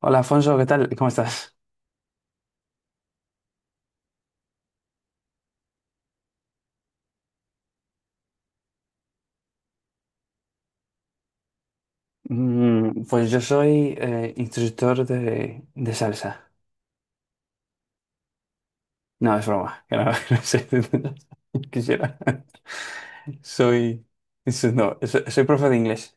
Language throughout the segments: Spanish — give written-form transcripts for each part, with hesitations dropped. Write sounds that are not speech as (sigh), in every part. Hola Alfonso, ¿qué tal? ¿Cómo estás? Pues yo soy instructor de salsa. No, es broma, que no, (laughs) no sé, (laughs) quisiera. Soy, eso no, so- Soy profe de inglés.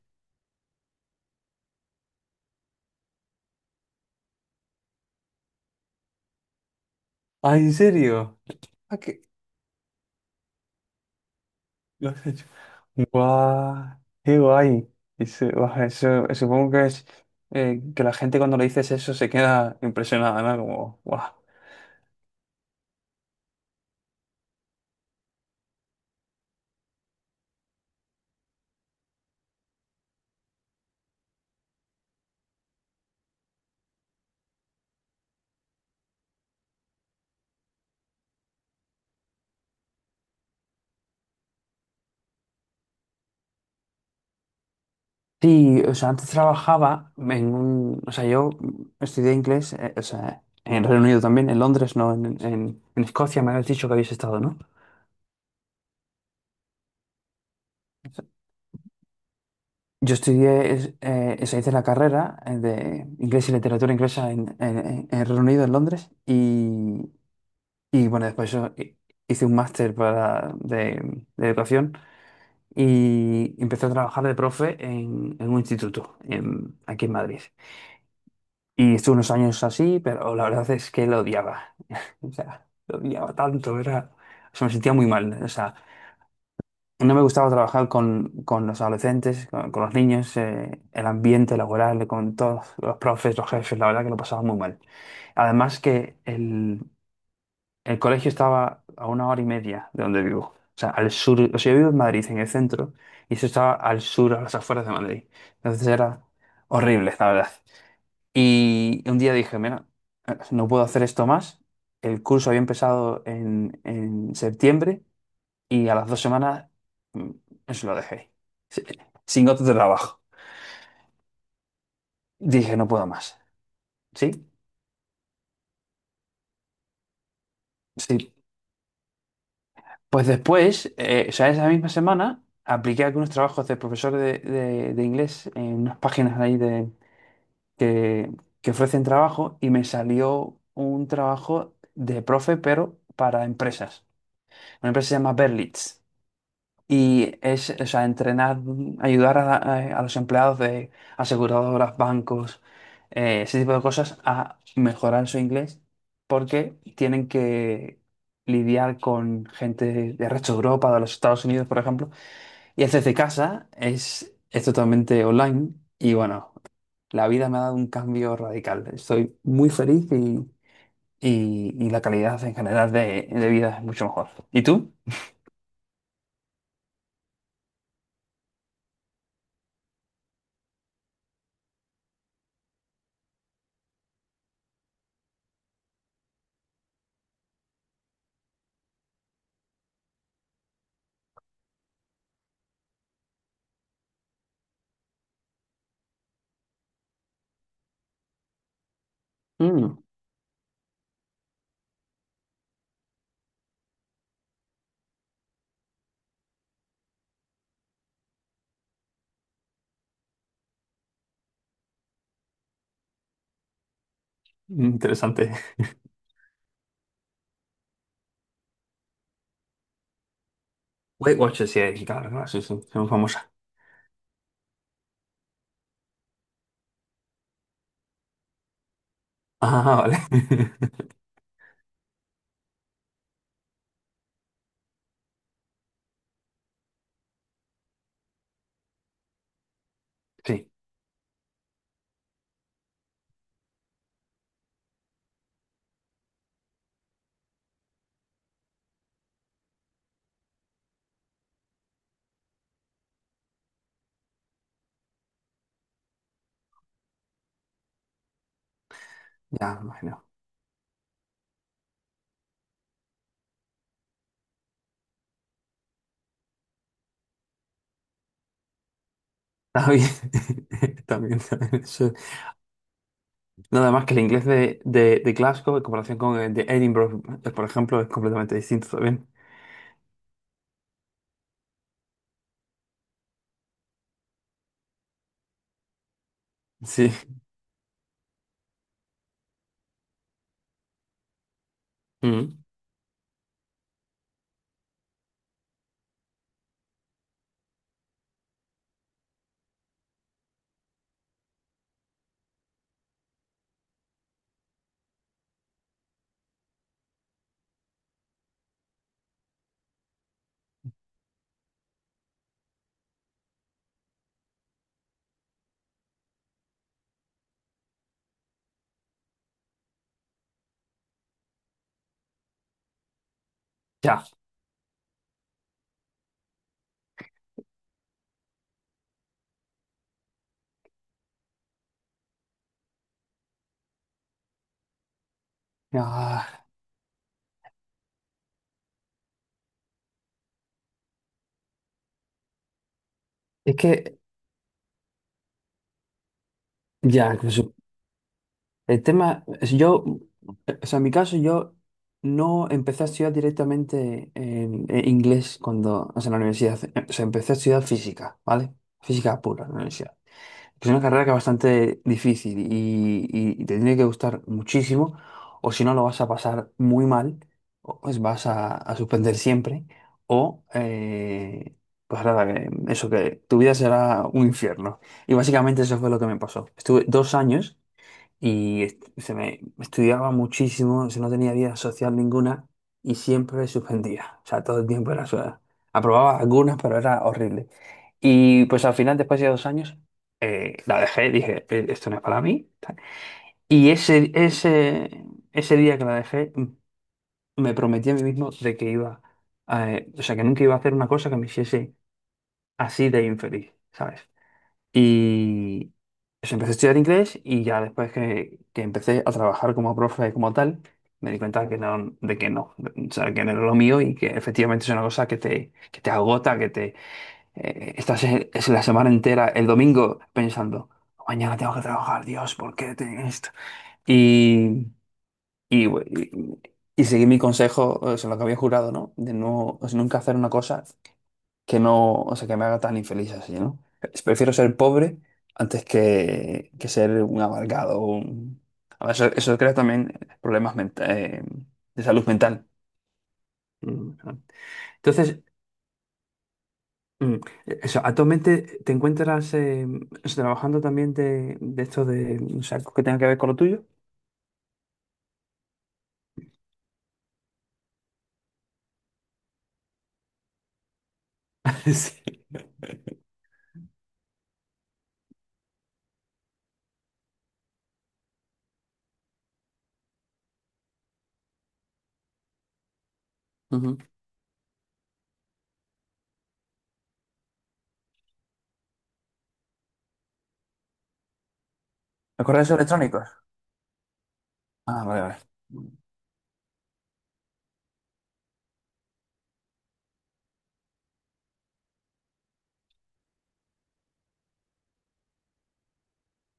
Ah, ¿en serio? Ah, ¿qué? ¿Lo has hecho? ¡Guau! ¡Qué guay! Supongo que es que la gente cuando le dices eso se queda impresionada, ¿no? Como, ¡guau! Sí, o sea, antes trabajaba en un... O sea, yo estudié inglés, o sea, en Reino Unido también, en Londres, ¿no? En Escocia me habías dicho que habéis estado, ¿no? O sea, hice la carrera de inglés y literatura inglesa en Reino Unido, en Londres, y bueno, después hice un máster de educación y empecé a trabajar de profe en un instituto aquí en Madrid. Y estuve unos años así, pero la verdad es que lo odiaba. (laughs) O sea, lo odiaba tanto, era... O sea, me sentía muy mal. O sea, no me gustaba trabajar con los adolescentes, con los niños, el ambiente laboral, con todos los profes, los jefes, la verdad que lo pasaba muy mal. Además que el, el colegio estaba a una hora y media de donde vivo. O sea, al sur, o sea, yo vivo en Madrid, en el centro, y eso estaba al sur, a las afueras de Madrid. Entonces era horrible, la verdad. Y un día dije, mira, no puedo hacer esto más. El curso había empezado en septiembre y a las dos semanas mm, eso lo dejé. Sí, sin otro trabajo. Dije, no puedo más. ¿Sí? Sí. Pues después, o sea, esa misma semana, apliqué algunos trabajos de profesor de inglés en unas páginas ahí de, que, que ofrecen trabajo y me salió un trabajo de profe, pero para empresas. Una empresa se llama Berlitz. Y es, o sea, entrenar, ayudar a, a los empleados de aseguradoras, bancos, ese tipo de cosas a mejorar su inglés porque tienen que lidiar con gente de resto de Europa, de los Estados Unidos, por ejemplo. Y es desde casa, es totalmente online y bueno, la vida me ha dado un cambio radical. Estoy muy feliz y la calidad en general de vida es mucho mejor. ¿Y tú? Mm, Interesante. Weight Watchers, sí, sí, claro, claro, sí, sí, son famosa. Ah, vale. (laughs) Sí, ya me imagino. Está bien, (laughs) también bien, eso. Nada más que el inglés de Glasgow en comparación con el de Edinburgh, por ejemplo, es completamente distinto también. Sí. Mm. Ya. Ya. Es que, ya, incluso, el tema, es yo, O sea, en mi caso, yo no empecé a estudiar directamente en inglés cuando, o sea, en la universidad, o sea, empecé a estudiar física, ¿vale? Física pura, en la universidad. Es una carrera que es bastante difícil y te tiene que gustar muchísimo, o si no lo vas a pasar muy mal, o pues vas a suspender siempre, o pues nada, eso que tu vida será un infierno. Y básicamente eso fue lo que me pasó. Estuve dos años y se me estudiaba muchísimo, se no tenía vida social ninguna y siempre suspendía. O sea, todo el tiempo era su... Aprobaba algunas, pero era horrible. Y pues al final, después de dos años, la dejé, dije, esto no es para mí." Tal. Y ese, ese, Ese día que la dejé, me prometí a mí mismo de que iba, a, o sea, que nunca iba a hacer una cosa que me hiciese así de infeliz, ¿sabes? Y pues, empecé a estudiar inglés y ya después que empecé a trabajar como profe como tal, me di cuenta que no, de que no, o sea, que no era lo mío y que efectivamente es una cosa que te agota, que te estás es la semana entera, el domingo, pensando, mañana tengo que trabajar, Dios, ¿por qué tengo esto? Y, y, y seguí mi consejo, o sea, lo que había jurado, ¿no? De no, o sea, nunca hacer una cosa que no, o sea, que me haga tan infeliz así, ¿no? Prefiero ser pobre antes que ser un amargado. A ver, eso crea también problemas menta- eh, de salud mental. Mm, ah. Entonces, mm, eso, actualmente te encuentras eso, trabajando también de esto de, o sea, ¿que tenga que ver con lo tuyo? (laughs) Sí. Ujú. ¿Los correos electrónicos? Ah, vale, vale.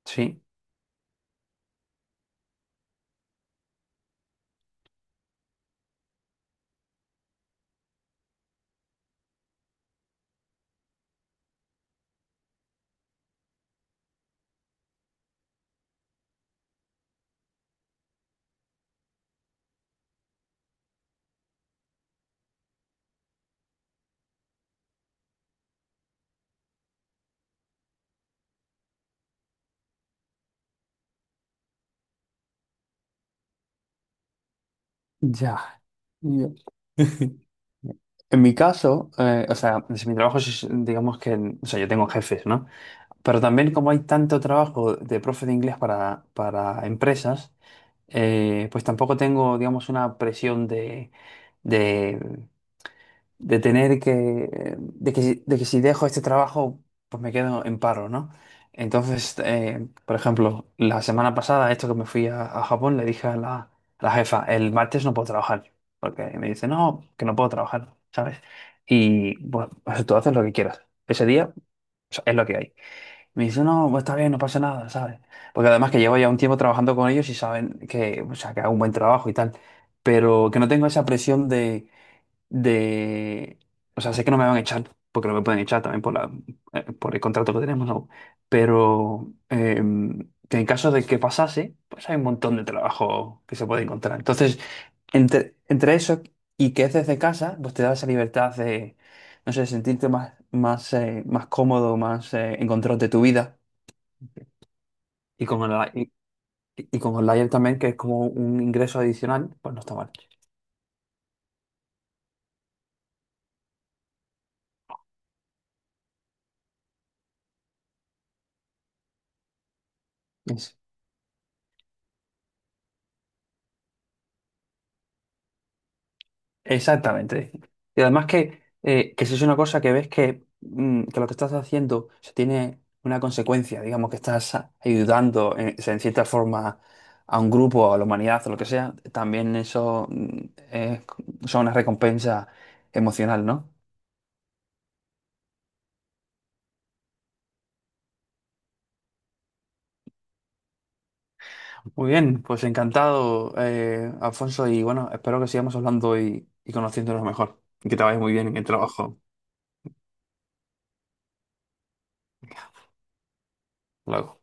Sí, ya. Ya. (laughs) En mi caso, o sea, si mi trabajo es, digamos que, o sea, yo tengo jefes, ¿no? Pero también como hay tanto trabajo de profe de inglés para empresas, pues tampoco tengo, digamos, una presión de de tener que, de que, de que si dejo este trabajo, pues me quedo en paro, ¿no? Entonces, por ejemplo, la semana pasada, esto que me fui a Japón, le dije a la jefa, el martes no puedo trabajar, porque me dice, no, que no puedo trabajar, ¿sabes? Y bueno, pues tú haces lo que quieras. Ese día o sea, es lo que hay. Me dice, no, pues está bien, no pasa nada, ¿sabes? Porque además que llevo ya un tiempo trabajando con ellos y saben que, o sea, que hago un buen trabajo y tal, pero que no tengo esa presión de... O sea, sé que no me van a echar, porque no me pueden echar también por la, por el contrato que tenemos, ¿no? Pero que en caso de que pasase, pues hay un montón de trabajo que se puede encontrar. Entonces, entre eso y que es desde casa, pues te da esa libertad de, no sé, sentirte más, más cómodo, más en control de tu vida. Y con el, y, y con el layer también, que es como un ingreso adicional, pues no está mal. Exactamente. Y además que si es una cosa que ves que, que lo que estás haciendo se tiene una consecuencia, digamos que estás ayudando en cierta forma a un grupo, a la humanidad, o lo que sea, también eso es, son una recompensa emocional, ¿no? Muy bien, pues encantado, Alfonso, y bueno, espero que sigamos hablando y conociéndonos mejor. Y que te vayas muy bien en el trabajo. Luego.